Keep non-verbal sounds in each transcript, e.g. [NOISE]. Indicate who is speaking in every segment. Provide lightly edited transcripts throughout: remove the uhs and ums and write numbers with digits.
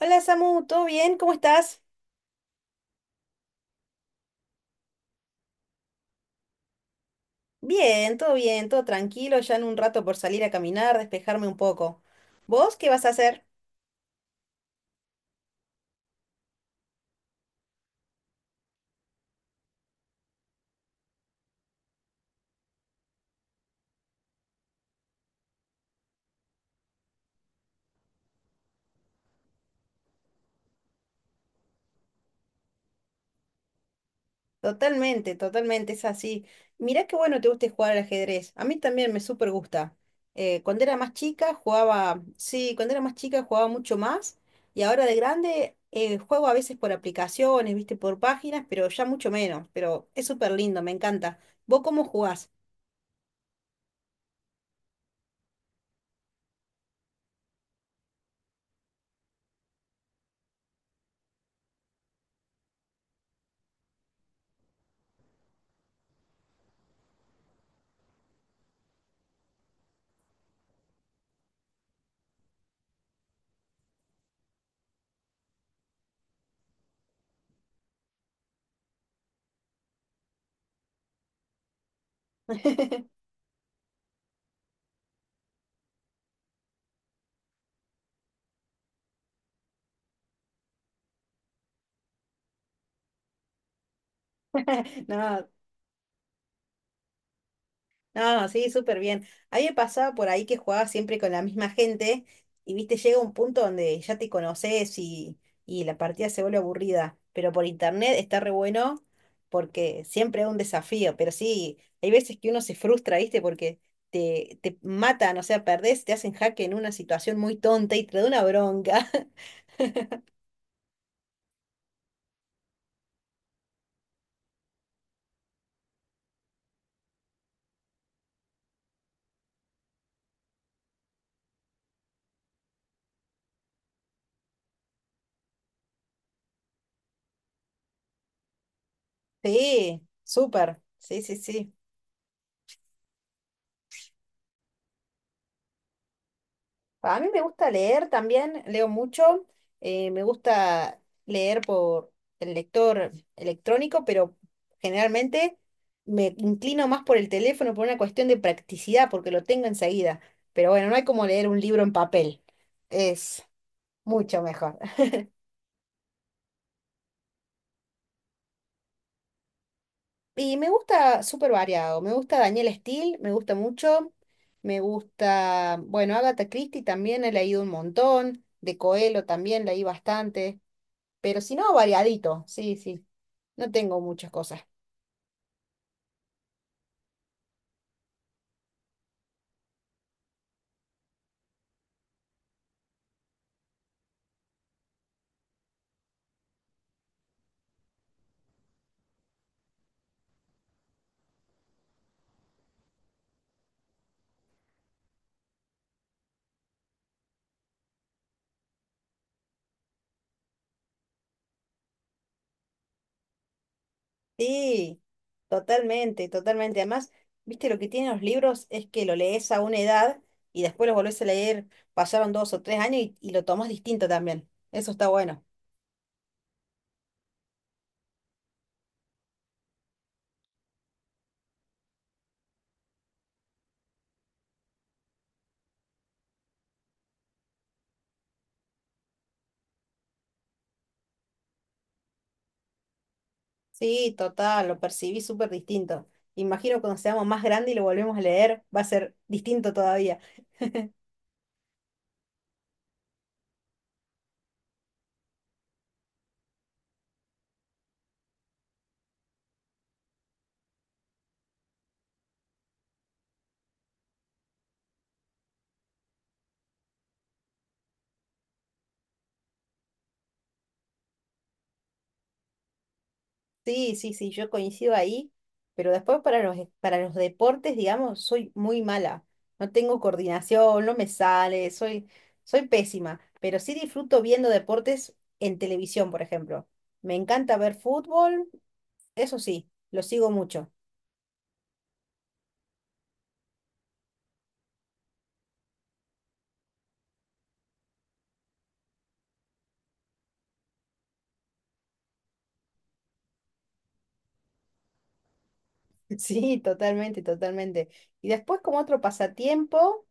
Speaker 1: Hola Samu, ¿todo bien? ¿Cómo estás? Bien, todo tranquilo, ya en un rato por salir a caminar, despejarme un poco. ¿Vos qué vas a hacer? Totalmente, totalmente, es así. Mirá qué bueno te guste jugar al ajedrez. A mí también me súper gusta. Cuando era más chica jugaba, sí, cuando era más chica jugaba mucho más y ahora de grande juego a veces por aplicaciones, viste, por páginas, pero ya mucho menos. Pero es súper lindo, me encanta. ¿Vos cómo jugás? [LAUGHS] No, no, sí, súper bien. A mí me pasaba por ahí que jugaba siempre con la misma gente y, viste, llega un punto donde ya te conoces y la partida se vuelve aburrida. Pero por internet está re bueno porque siempre es un desafío. Pero sí, hay veces que uno se frustra, viste, porque te matan, o sea, perdés, te hacen jaque en una situación muy tonta y te da una bronca. [LAUGHS] Sí, súper. Sí, sí, sí. A mí me gusta leer también, leo mucho, me gusta leer por el lector electrónico, pero generalmente me inclino más por el teléfono por una cuestión de practicidad, porque lo tengo enseguida. Pero bueno, no hay como leer un libro en papel, es mucho mejor. Y me gusta súper variado, me gusta Daniel Steele, me gusta mucho, me gusta, bueno, Agatha Christie también he leído un montón, de Coelho también leí bastante. Pero si no, variadito, sí, sí. No tengo muchas cosas. Sí, totalmente, totalmente. Además, viste, lo que tienen los libros es que lo lees a una edad y después lo volvés a leer, pasaron dos o tres años y lo tomás distinto también. Eso está bueno. Sí, total, lo percibí súper distinto. Imagino cuando seamos más grandes y lo volvemos a leer, va a ser distinto todavía. Sí, sí, sí, yo coincido ahí, pero después para los, e, para los deportes, digamos, soy muy mala. No tengo coordinación, no me sale, soy, soy pésima, pero sí disfruto viendo deportes en televisión, por ejemplo. Me encanta ver fútbol, eso sí, lo sigo mucho. [LAUGHS] Sí, totalmente, totalmente. Y después como otro pasatiempo,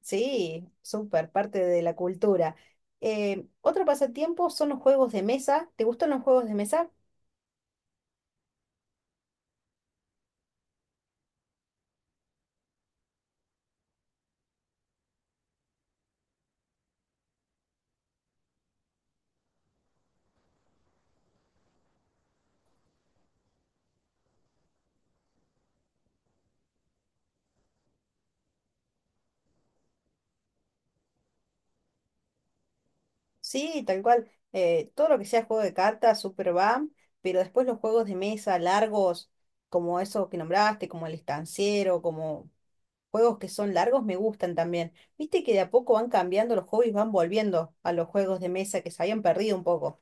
Speaker 1: sí, súper, parte de la cultura. Otro pasatiempo son los juegos de mesa. ¿Te gustan los juegos de mesa? Sí, tal cual. Todo lo que sea juego de cartas, super va, pero después los juegos de mesa largos, como esos que nombraste, como el estanciero, como juegos que son largos, me gustan también. Viste que de a poco van cambiando los hobbies, van volviendo a los juegos de mesa que se habían perdido un poco.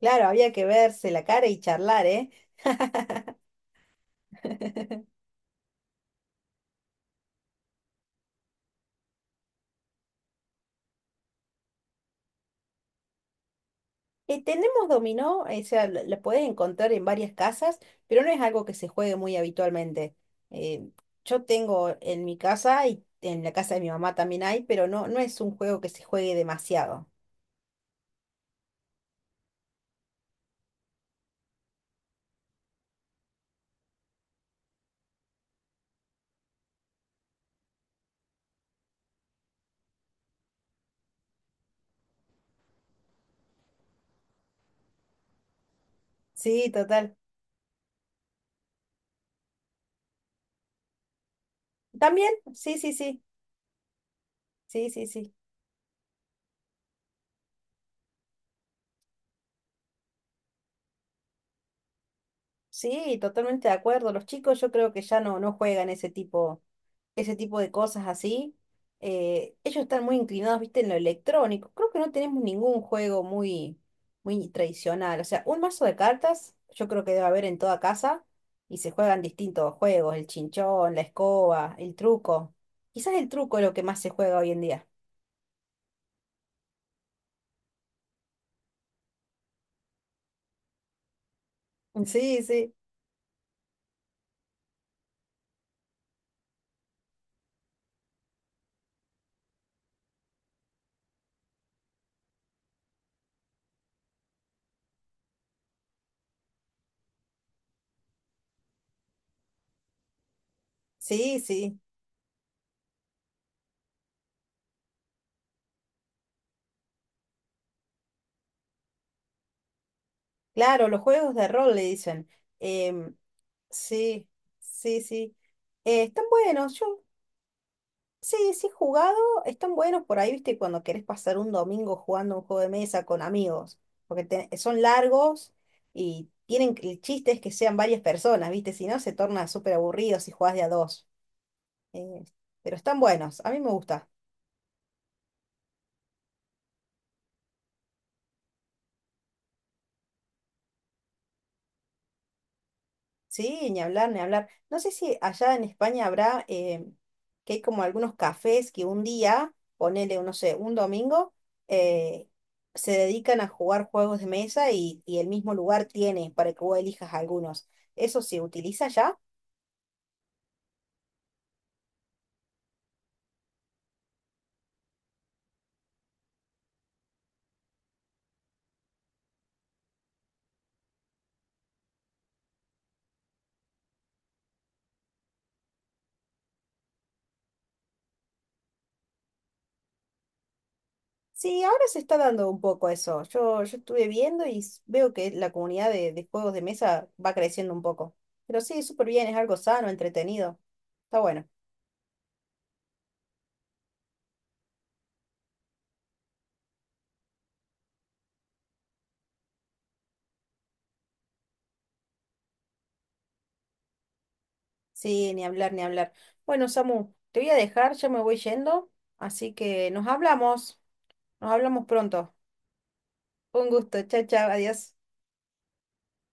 Speaker 1: Claro, había que verse la cara y charlar, ¿eh? [LAUGHS] Tenemos dominó, o sea, la puedes encontrar en varias casas, pero no es algo que se juegue muy habitualmente. Eh, yo tengo en mi casa y en la casa de mi mamá también hay, pero no, no es un juego que se juegue demasiado. Sí, total. También, sí, sí, sí, sí, sí, sí. Sí, totalmente de acuerdo. Los chicos yo creo que ya no, no juegan ese tipo. Ese tipo de cosas así, ellos están muy inclinados, viste, en lo electrónico. Creo que no tenemos ningún juego muy, muy tradicional. O sea, un mazo de cartas, yo creo que debe haber en toda casa y se juegan distintos juegos, el chinchón, la escoba, el truco. Quizás el truco es lo que más se juega hoy en día. [LAUGHS] Sí, sí, sí, sí. Claro, los juegos de rol le dicen. Em, sí, sí, sí. Están buenos. Yo sí, sí, he jugado, están buenos por ahí, viste, cuando querés pasar un domingo jugando un juego de mesa con amigos, porque son largos y tienen el chiste es que sean varias personas, viste, si no se torna súper aburrido si jugás de a dos. Eh, pero están buenos, a mí me gusta. Sí, ni hablar, ni hablar. No sé si allá en España habrá que hay como algunos cafés que un día, ponele, no sé, un domingo, eh, se dedican a jugar juegos de mesa y el mismo lugar tiene para que vos elijas algunos. ¿Eso se utiliza ya? Sí, ahora se está dando un poco eso. Yo estuve viendo y veo que la comunidad de juegos de mesa va creciendo un poco. Pero sí, súper bien, es algo sano, entretenido. Está bueno. Sí, ni hablar, ni hablar. Bueno, Samu, te voy a dejar, ya me voy yendo, así que nos hablamos pronto. Un gusto, chao, chao, adiós.